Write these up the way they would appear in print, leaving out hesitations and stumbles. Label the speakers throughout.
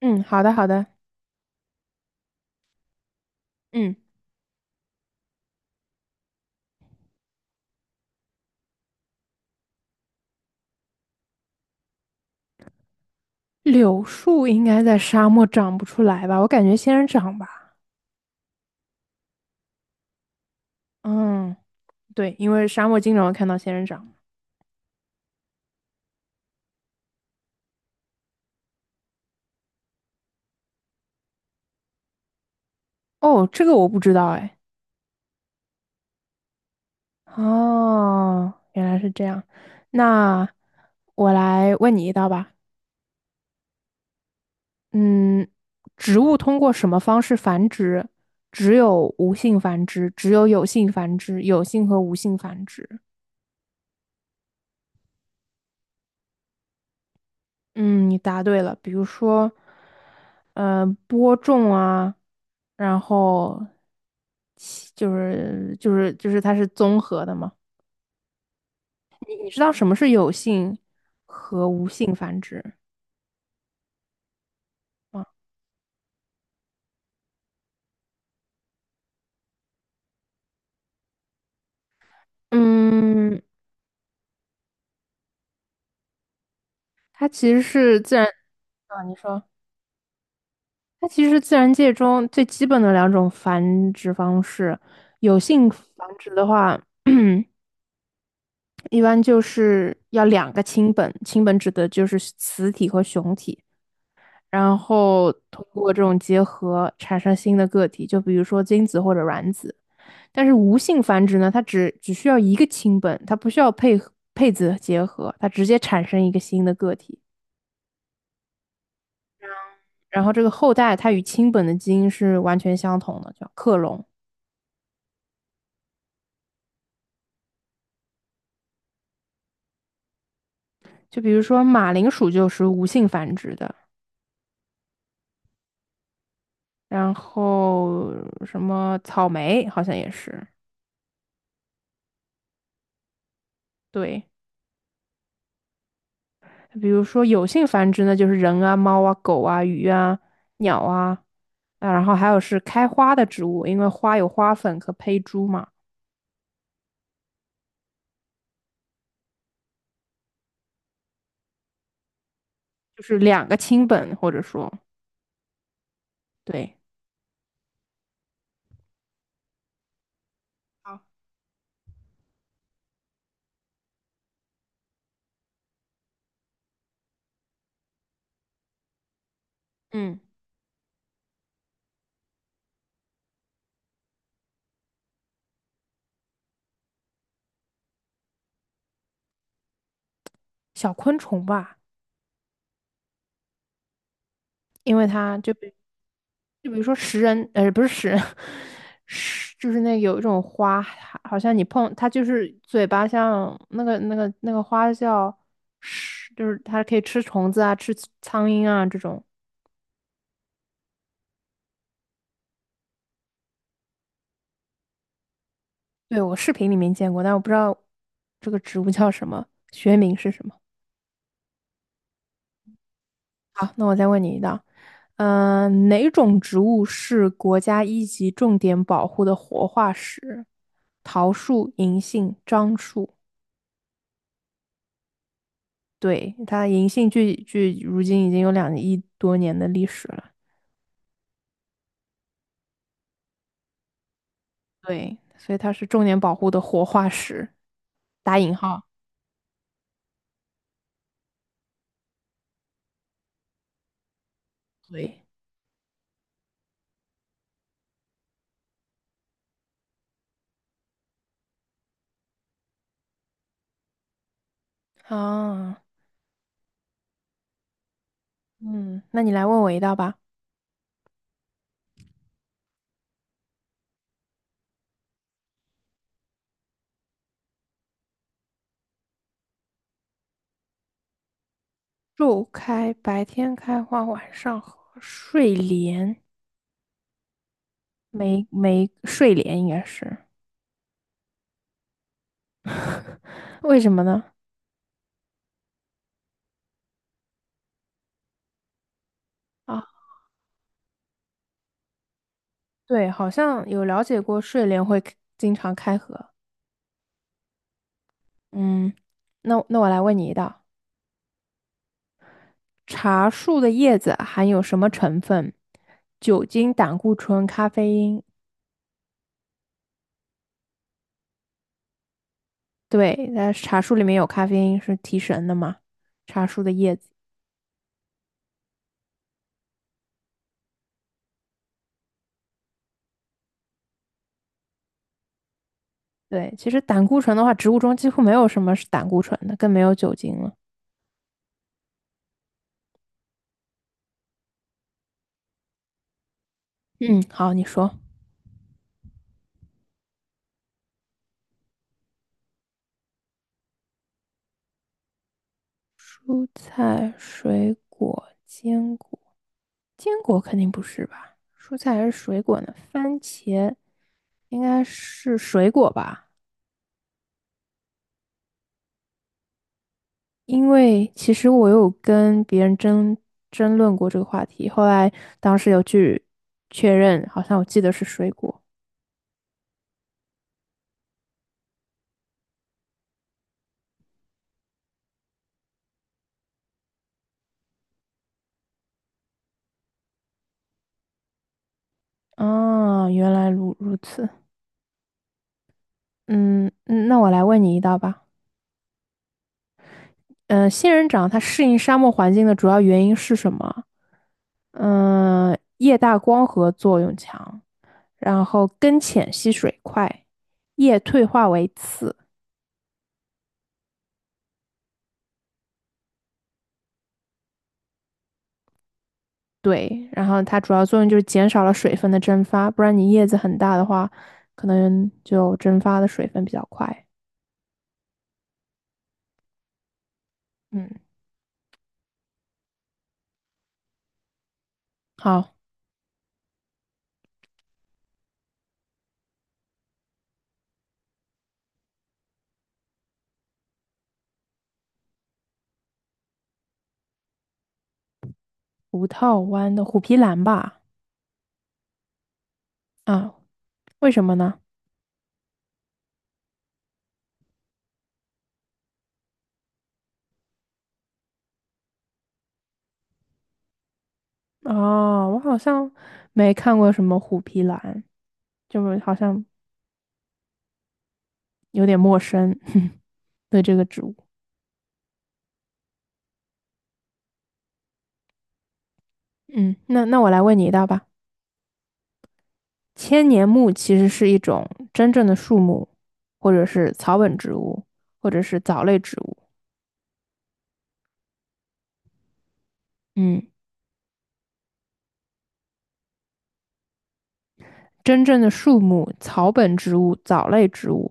Speaker 1: 嗯，好的，好的。嗯，柳树应该在沙漠长不出来吧？我感觉仙人掌吧。嗯，对，因为沙漠经常会看到仙人掌。哦，这个我不知道哎。哦，原来是这样。那我来问你一道吧。嗯，植物通过什么方式繁殖？只有无性繁殖，只有有性繁殖，有性和无性繁殖。嗯，你答对了。比如说，播种啊。然后其就是就是就是它是综合的嘛。你知道什么是有性和无性繁殖吗？嗯，它其实是自然啊，你说它其实是自然界中最基本的两种繁殖方式。有性繁殖的话，一般就是要两个亲本，亲本指的就是雌体和雄体。然后通过这种结合产生新的个体，就比如说精子或者卵子。但是无性繁殖呢，它只需要一个亲本，它不需要配子结合，它直接产生一个新的个体。然后这个后代它与亲本的基因是完全相同的，叫克隆。就比如说马铃薯就是无性繁殖的，然后什么草莓好像也是，对。比如说有性繁殖呢，就是人啊、猫啊、狗啊、鱼啊、鸟啊，啊，然后还有是开花的植物，因为花有花粉和胚珠嘛，就是两个亲本或者说。对，好，嗯，小昆虫吧，因为它就比就比如说不是食人，是就是那有一种花，好像你碰它就是嘴巴像那个花叫是，就是它可以吃虫子啊，吃苍蝇啊这种。对，我视频里面见过，但我不知道这个植物叫什么，学名是什么。好，那我再问你一道，哪种植物是国家一级重点保护的活化石？桃树、银杏、樟树。对，它银杏距如今已经有2亿多年的历史了。对，所以它是重点保护的活化石，打引号。对，啊，嗯，那你来问我一道吧。树开，白天开花，晚上和睡莲，没睡莲应该是为什么呢？啊？对，好像有了解过睡莲会 经常开合。嗯，那那我来问你一道：茶树的叶子含有什么成分？酒精、胆固醇、咖啡因。对，那茶树里面有咖啡因，是提神的嘛？茶树的叶子。对，其实胆固醇的话，植物中几乎没有什么是胆固醇的，更没有酒精了。嗯，好，你说。蔬菜、水果、坚果。坚果肯定不是吧？蔬菜还是水果呢？番茄应该是水果吧？因为其实我有跟别人争论过这个话题，后来当时有去确认，好像我记得是水果。啊，原来如此。嗯，嗯那我来问你一道吧。嗯、仙人掌它适应沙漠环境的主要原因是什么？叶大光合作用强。然后根浅吸水快，叶退化为刺，对，然后它主要作用就是减少了水分的蒸发，不然你叶子很大的话，可能就蒸发的水分比较快。嗯，好，五套湾的虎皮兰吧？啊，为什么呢？哦，我好像没看过什么虎皮兰，就是好像有点陌生，对这个植物。嗯，那那我来问你一道吧。千年木其实是一种真正的树木，或者是草本植物，或者是藻类植物。嗯，真正的树木、草本植物、藻类植物、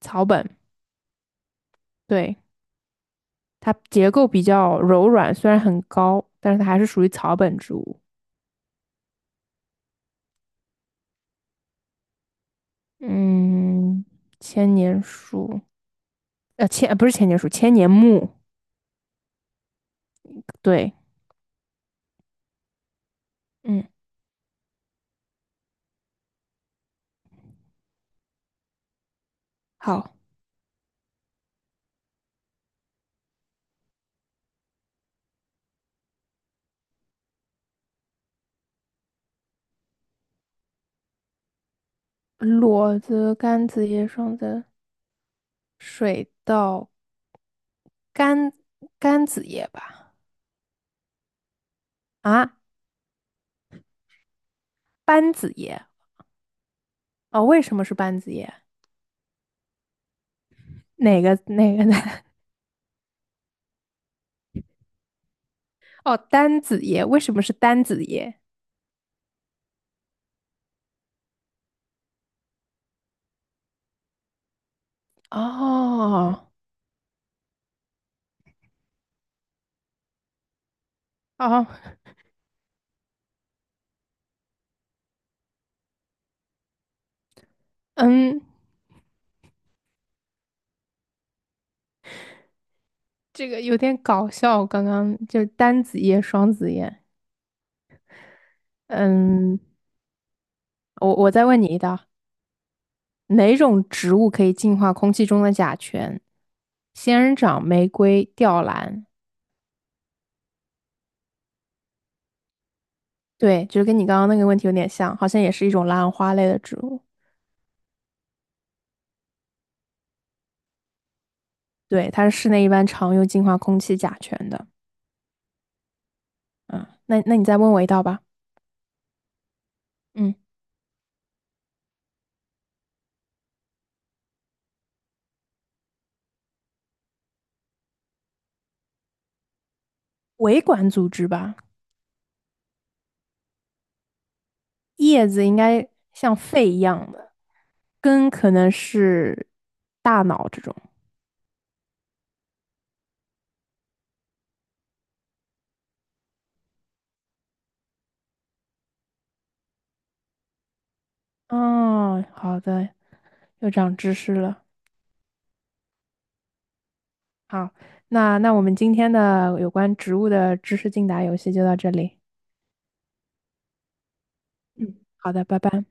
Speaker 1: 草本，对，它结构比较柔软，虽然很高，但是它还是属于草本植物。嗯，千年树，不是千年树，千年木。对，嗯，好，裸子、柑子叶、双子、水稻、柑柑子叶吧。啊，班子叶哦，为什么是班子叶？哪个 哦，单子叶，为什么是单子叶？哦哦，嗯，这个有点搞笑。刚刚就是单子叶、双子叶。嗯，我再问你一道，哪种植物可以净化空气中的甲醛？仙人掌、玫瑰、吊兰。对，就是跟你刚刚那个问题有点像，好像也是一种兰花类的植物。对，它是室内一般常用净化空气甲醛的。嗯，那那你再问我一道吧。嗯，维管组织吧，叶子应该像肺一样的，根可能是大脑这种。哦，好的，又长知识了。好，那那我们今天的有关植物的知识竞答游戏就到这里。嗯，好的，拜拜。